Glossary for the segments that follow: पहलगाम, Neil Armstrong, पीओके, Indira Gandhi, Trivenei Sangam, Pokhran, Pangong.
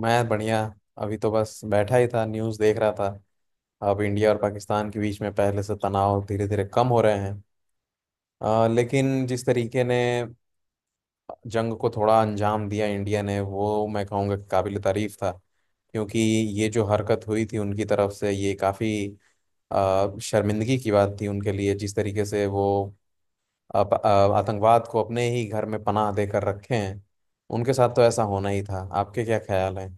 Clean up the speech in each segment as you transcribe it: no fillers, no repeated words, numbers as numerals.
मैं बढ़िया। अभी तो बस बैठा ही था, न्यूज़ देख रहा था। अब इंडिया और पाकिस्तान के बीच में पहले से तनाव धीरे धीरे कम हो रहे हैं। लेकिन जिस तरीके ने जंग को थोड़ा अंजाम दिया इंडिया ने, वो मैं कहूँगा कि काबिल तारीफ था। क्योंकि ये जो हरकत हुई थी उनकी तरफ से, ये काफ़ी शर्मिंदगी की बात थी उनके लिए। जिस तरीके से वो अप- अ, आतंकवाद को अपने ही घर में पनाह देकर रखे हैं, उनके साथ तो ऐसा होना ही था। आपके क्या ख्याल है?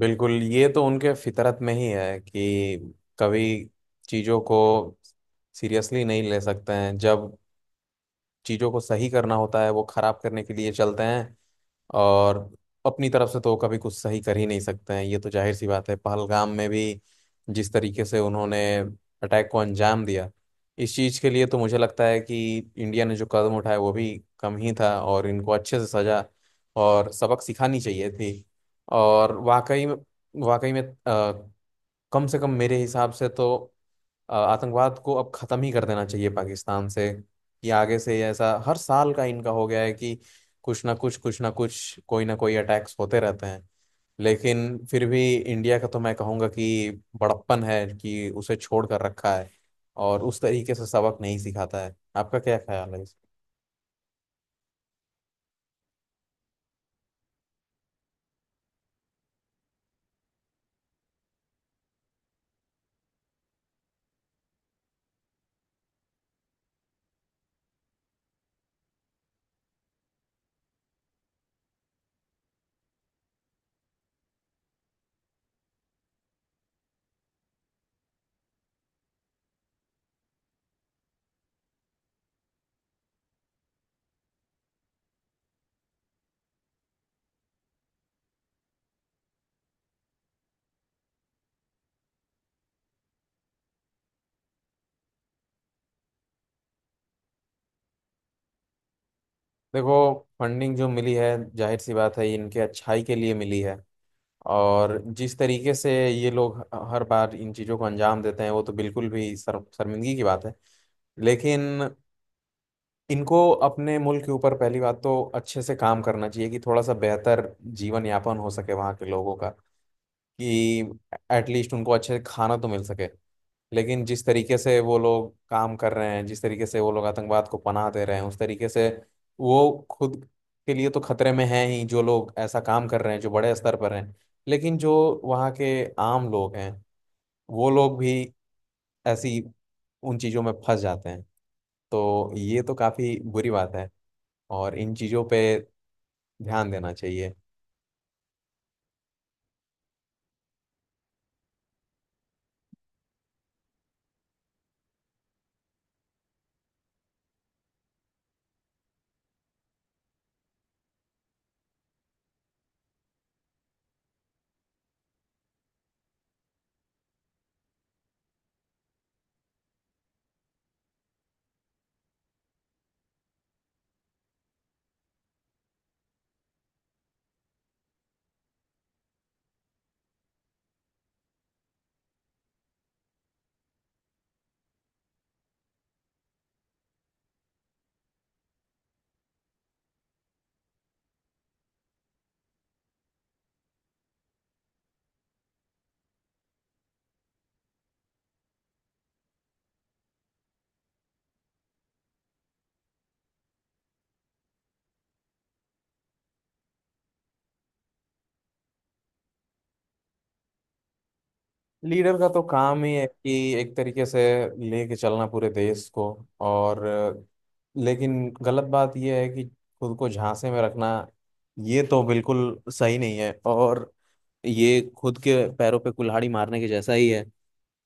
बिल्कुल, ये तो उनके फितरत में ही है कि कभी चीज़ों को सीरियसली नहीं ले सकते हैं। जब चीज़ों को सही करना होता है, वो खराब करने के लिए चलते हैं। और अपनी तरफ से तो कभी कुछ सही कर ही नहीं सकते हैं, ये तो जाहिर सी बात है। पहलगाम में भी जिस तरीके से उन्होंने अटैक को अंजाम दिया, इस चीज़ के लिए तो मुझे लगता है कि इंडिया ने जो कदम उठाया वो भी कम ही था, और इनको अच्छे से सजा और सबक सिखानी चाहिए थी। और वाकई में, वाकई में, अ, कम से कम मेरे हिसाब से तो आतंकवाद को अब खत्म ही कर देना चाहिए पाकिस्तान से। कि आगे से ऐसा हर साल का इनका हो गया है कि कुछ ना कुछ, कुछ ना कुछ, कोई ना कोई अटैक्स होते रहते हैं। लेकिन फिर भी इंडिया का तो मैं कहूँगा कि बड़प्पन है कि उसे छोड़ कर रखा है, और उस तरीके से सबक नहीं सिखाता है। आपका क्या ख्याल है इस? देखो, फंडिंग जो मिली है, जाहिर सी बात है ये इनके अच्छाई के लिए मिली है। और जिस तरीके से ये लोग हर बार इन चीज़ों को अंजाम देते हैं, वो तो बिल्कुल भी शर्म, शर्मिंदगी की बात है। लेकिन इनको अपने मुल्क के ऊपर पहली बात तो अच्छे से काम करना चाहिए, कि थोड़ा सा बेहतर जीवन यापन हो सके वहाँ के लोगों का। कि एटलीस्ट उनको अच्छे से खाना तो मिल सके। लेकिन जिस तरीके से वो लोग काम कर रहे हैं, जिस तरीके से वो लोग आतंकवाद को पनाह दे रहे हैं, उस तरीके से वो खुद के लिए तो खतरे में हैं ही, जो लोग ऐसा काम कर रहे हैं जो बड़े स्तर पर हैं। लेकिन जो वहाँ के आम लोग हैं, वो लोग भी ऐसी उन चीज़ों में फंस जाते हैं। तो ये तो काफ़ी बुरी बात है, और इन चीज़ों पे ध्यान देना चाहिए। लीडर का तो काम ही है कि एक तरीके से लेके चलना पूरे देश को। और लेकिन गलत बात यह है कि खुद को झांसे में रखना, ये तो बिल्कुल सही नहीं है, और ये खुद के पैरों पे कुल्हाड़ी मारने के जैसा ही है।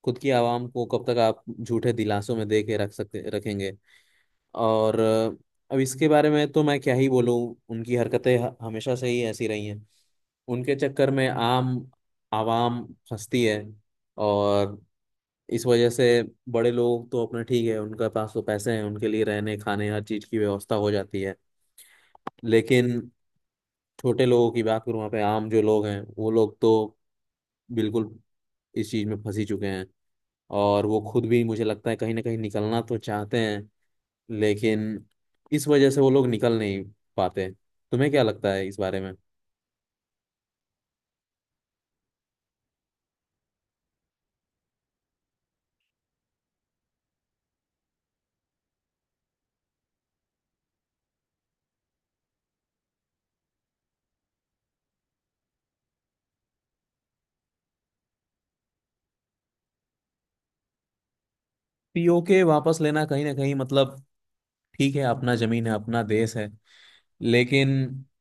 खुद की आवाम को कब तक आप झूठे दिलासों में दे के रख सकते रखेंगे? और अब इसके बारे में तो मैं क्या ही बोलूं। उनकी हरकतें हमेशा से ही ऐसी रही हैं। उनके चक्कर में आम आवाम फंसती है, और इस वजह से बड़े लोग तो अपना ठीक है, उनके पास तो पैसे हैं, उनके लिए रहने खाने हर चीज की व्यवस्था हो जाती है। लेकिन छोटे लोगों की बात करूँ, वहाँ पे आम जो लोग हैं, वो लोग तो बिल्कुल इस चीज में फंसी चुके हैं। और वो खुद भी मुझे लगता है कहीं ना कहीं निकलना तो चाहते हैं, लेकिन इस वजह से वो लोग निकल नहीं पाते। तुम्हें क्या लगता है इस बारे में? पीओके वापस लेना कहीं ना कहीं, मतलब, ठीक है, अपना जमीन है, अपना देश है। लेकिन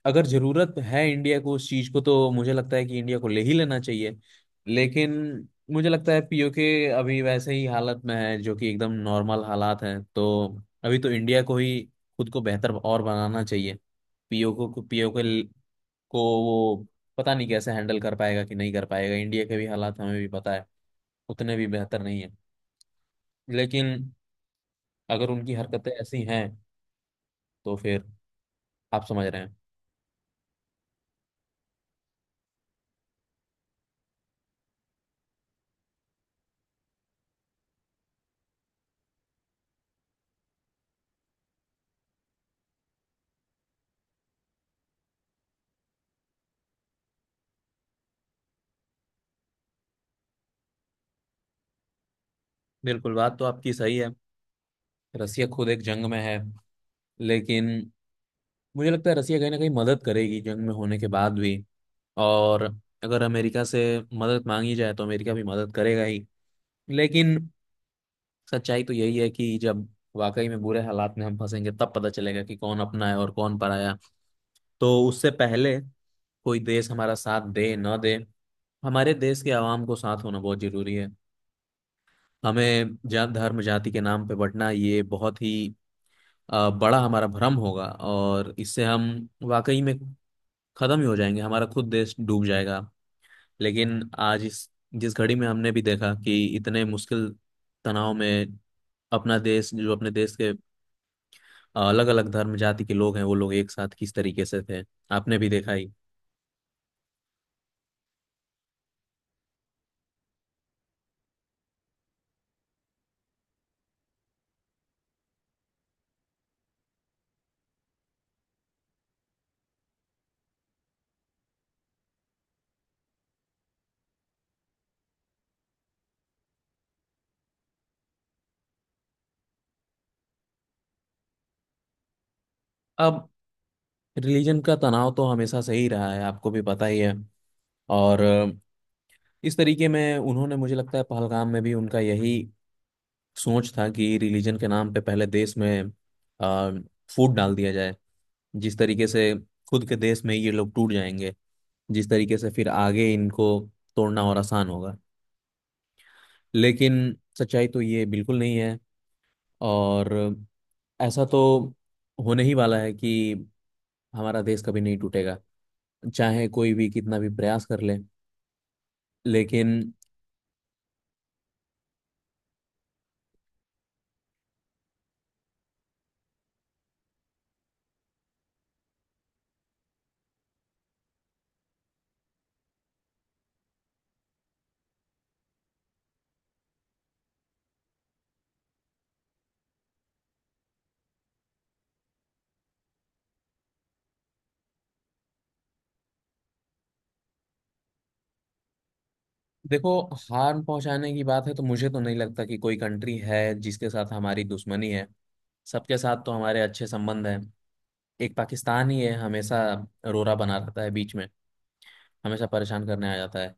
अगर जरूरत है इंडिया को उस चीज को, तो मुझे लगता है कि इंडिया को ले ही लेना चाहिए। लेकिन मुझे लगता है पीओके अभी वैसे ही हालत में है जो कि एकदम नॉर्मल हालात हैं। तो अभी तो इंडिया को ही खुद को बेहतर और बनाना चाहिए। पीओके को, पीओके को वो पता नहीं कैसे हैंडल कर पाएगा कि नहीं कर पाएगा। इंडिया के भी हालात हमें भी पता है, उतने भी बेहतर नहीं है। लेकिन अगर उनकी हरकतें ऐसी हैं, तो फिर आप समझ रहे हैं। बिल्कुल, बात तो आपकी सही है। रसिया खुद एक जंग में है, लेकिन मुझे लगता है रसिया कहीं ना कहीं मदद करेगी जंग में होने के बाद भी। और अगर अमेरिका से मदद मांगी जाए तो अमेरिका भी मदद करेगा ही। लेकिन सच्चाई तो यही है कि जब वाकई में बुरे हालात में हम फंसेंगे, तब पता चलेगा कि कौन अपना है और कौन पराया। तो उससे पहले कोई देश हमारा साथ दे न दे, हमारे देश के आवाम को साथ होना बहुत जरूरी है। हमें जात धर्म जाति के नाम पे बंटना, ये बहुत ही बड़ा हमारा भ्रम होगा, और इससे हम वाकई में खत्म ही हो जाएंगे, हमारा खुद देश डूब जाएगा। लेकिन आज इस जिस घड़ी में हमने भी देखा कि इतने मुश्किल तनाव में अपना देश, जो अपने देश के अलग अलग धर्म जाति के लोग हैं, वो लोग एक साथ किस तरीके से थे, आपने भी देखा ही। अब रिलीजन का तनाव तो हमेशा से ही रहा है, आपको भी पता ही है। और इस तरीके में उन्होंने, मुझे लगता है पहलगाम में भी उनका यही सोच था कि रिलीजन के नाम पे पहले देश में फूट डाल दिया जाए। जिस तरीके से खुद के देश में ये लोग टूट जाएंगे, जिस तरीके से फिर आगे इनको तोड़ना और आसान होगा। लेकिन सच्चाई तो ये बिल्कुल नहीं है। और ऐसा तो होने ही वाला है कि हमारा देश कभी नहीं टूटेगा, चाहे कोई भी कितना भी प्रयास कर ले। लेकिन देखो, हार्म पहुंचाने की बात है तो मुझे तो नहीं लगता कि कोई कंट्री है जिसके साथ हमारी दुश्मनी है। सबके साथ तो हमारे अच्छे संबंध हैं। एक पाकिस्तान ही है हमेशा रोरा बना रहता है बीच में, हमेशा परेशान करने आ जाता है।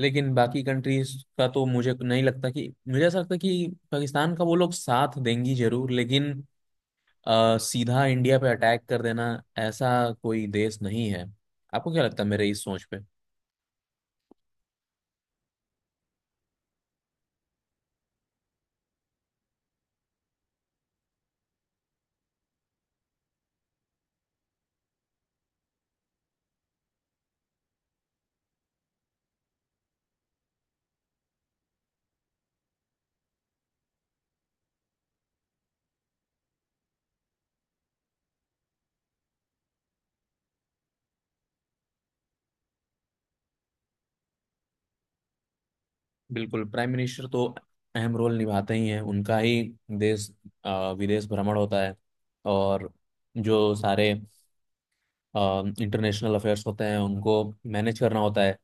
लेकिन बाकी कंट्रीज का तो मुझे नहीं लगता कि, मुझे ऐसा लगता है कि पाकिस्तान का वो लोग साथ देंगी जरूर, लेकिन सीधा इंडिया पे अटैक कर देना, ऐसा कोई देश नहीं है। आपको क्या लगता है मेरे इस सोच पे? बिल्कुल, प्राइम मिनिस्टर तो अहम रोल निभाते ही हैं। उनका ही देश, विदेश भ्रमण होता है, और जो सारे इंटरनेशनल अफेयर्स होते हैं उनको मैनेज करना होता है।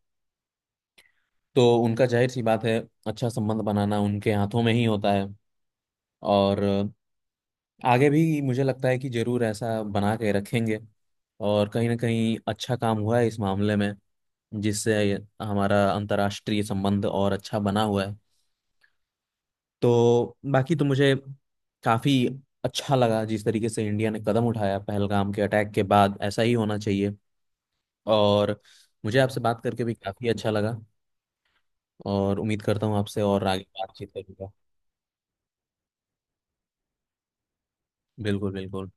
तो उनका, जाहिर सी बात है, अच्छा संबंध बनाना उनके हाथों में ही होता है। और आगे भी मुझे लगता है कि जरूर ऐसा बना के रखेंगे। और कहीं ना कहीं अच्छा काम हुआ है इस मामले में, जिससे हमारा अंतर्राष्ट्रीय संबंध और अच्छा बना हुआ है। तो बाकी तो मुझे काफ़ी अच्छा लगा जिस तरीके से इंडिया ने कदम उठाया पहलगाम के अटैक के बाद, ऐसा ही होना चाहिए। और मुझे आपसे बात करके भी काफ़ी अच्छा लगा। और उम्मीद करता हूँ आपसे और आगे बातचीत करूंगा। बिल्कुल, बिल्कुल।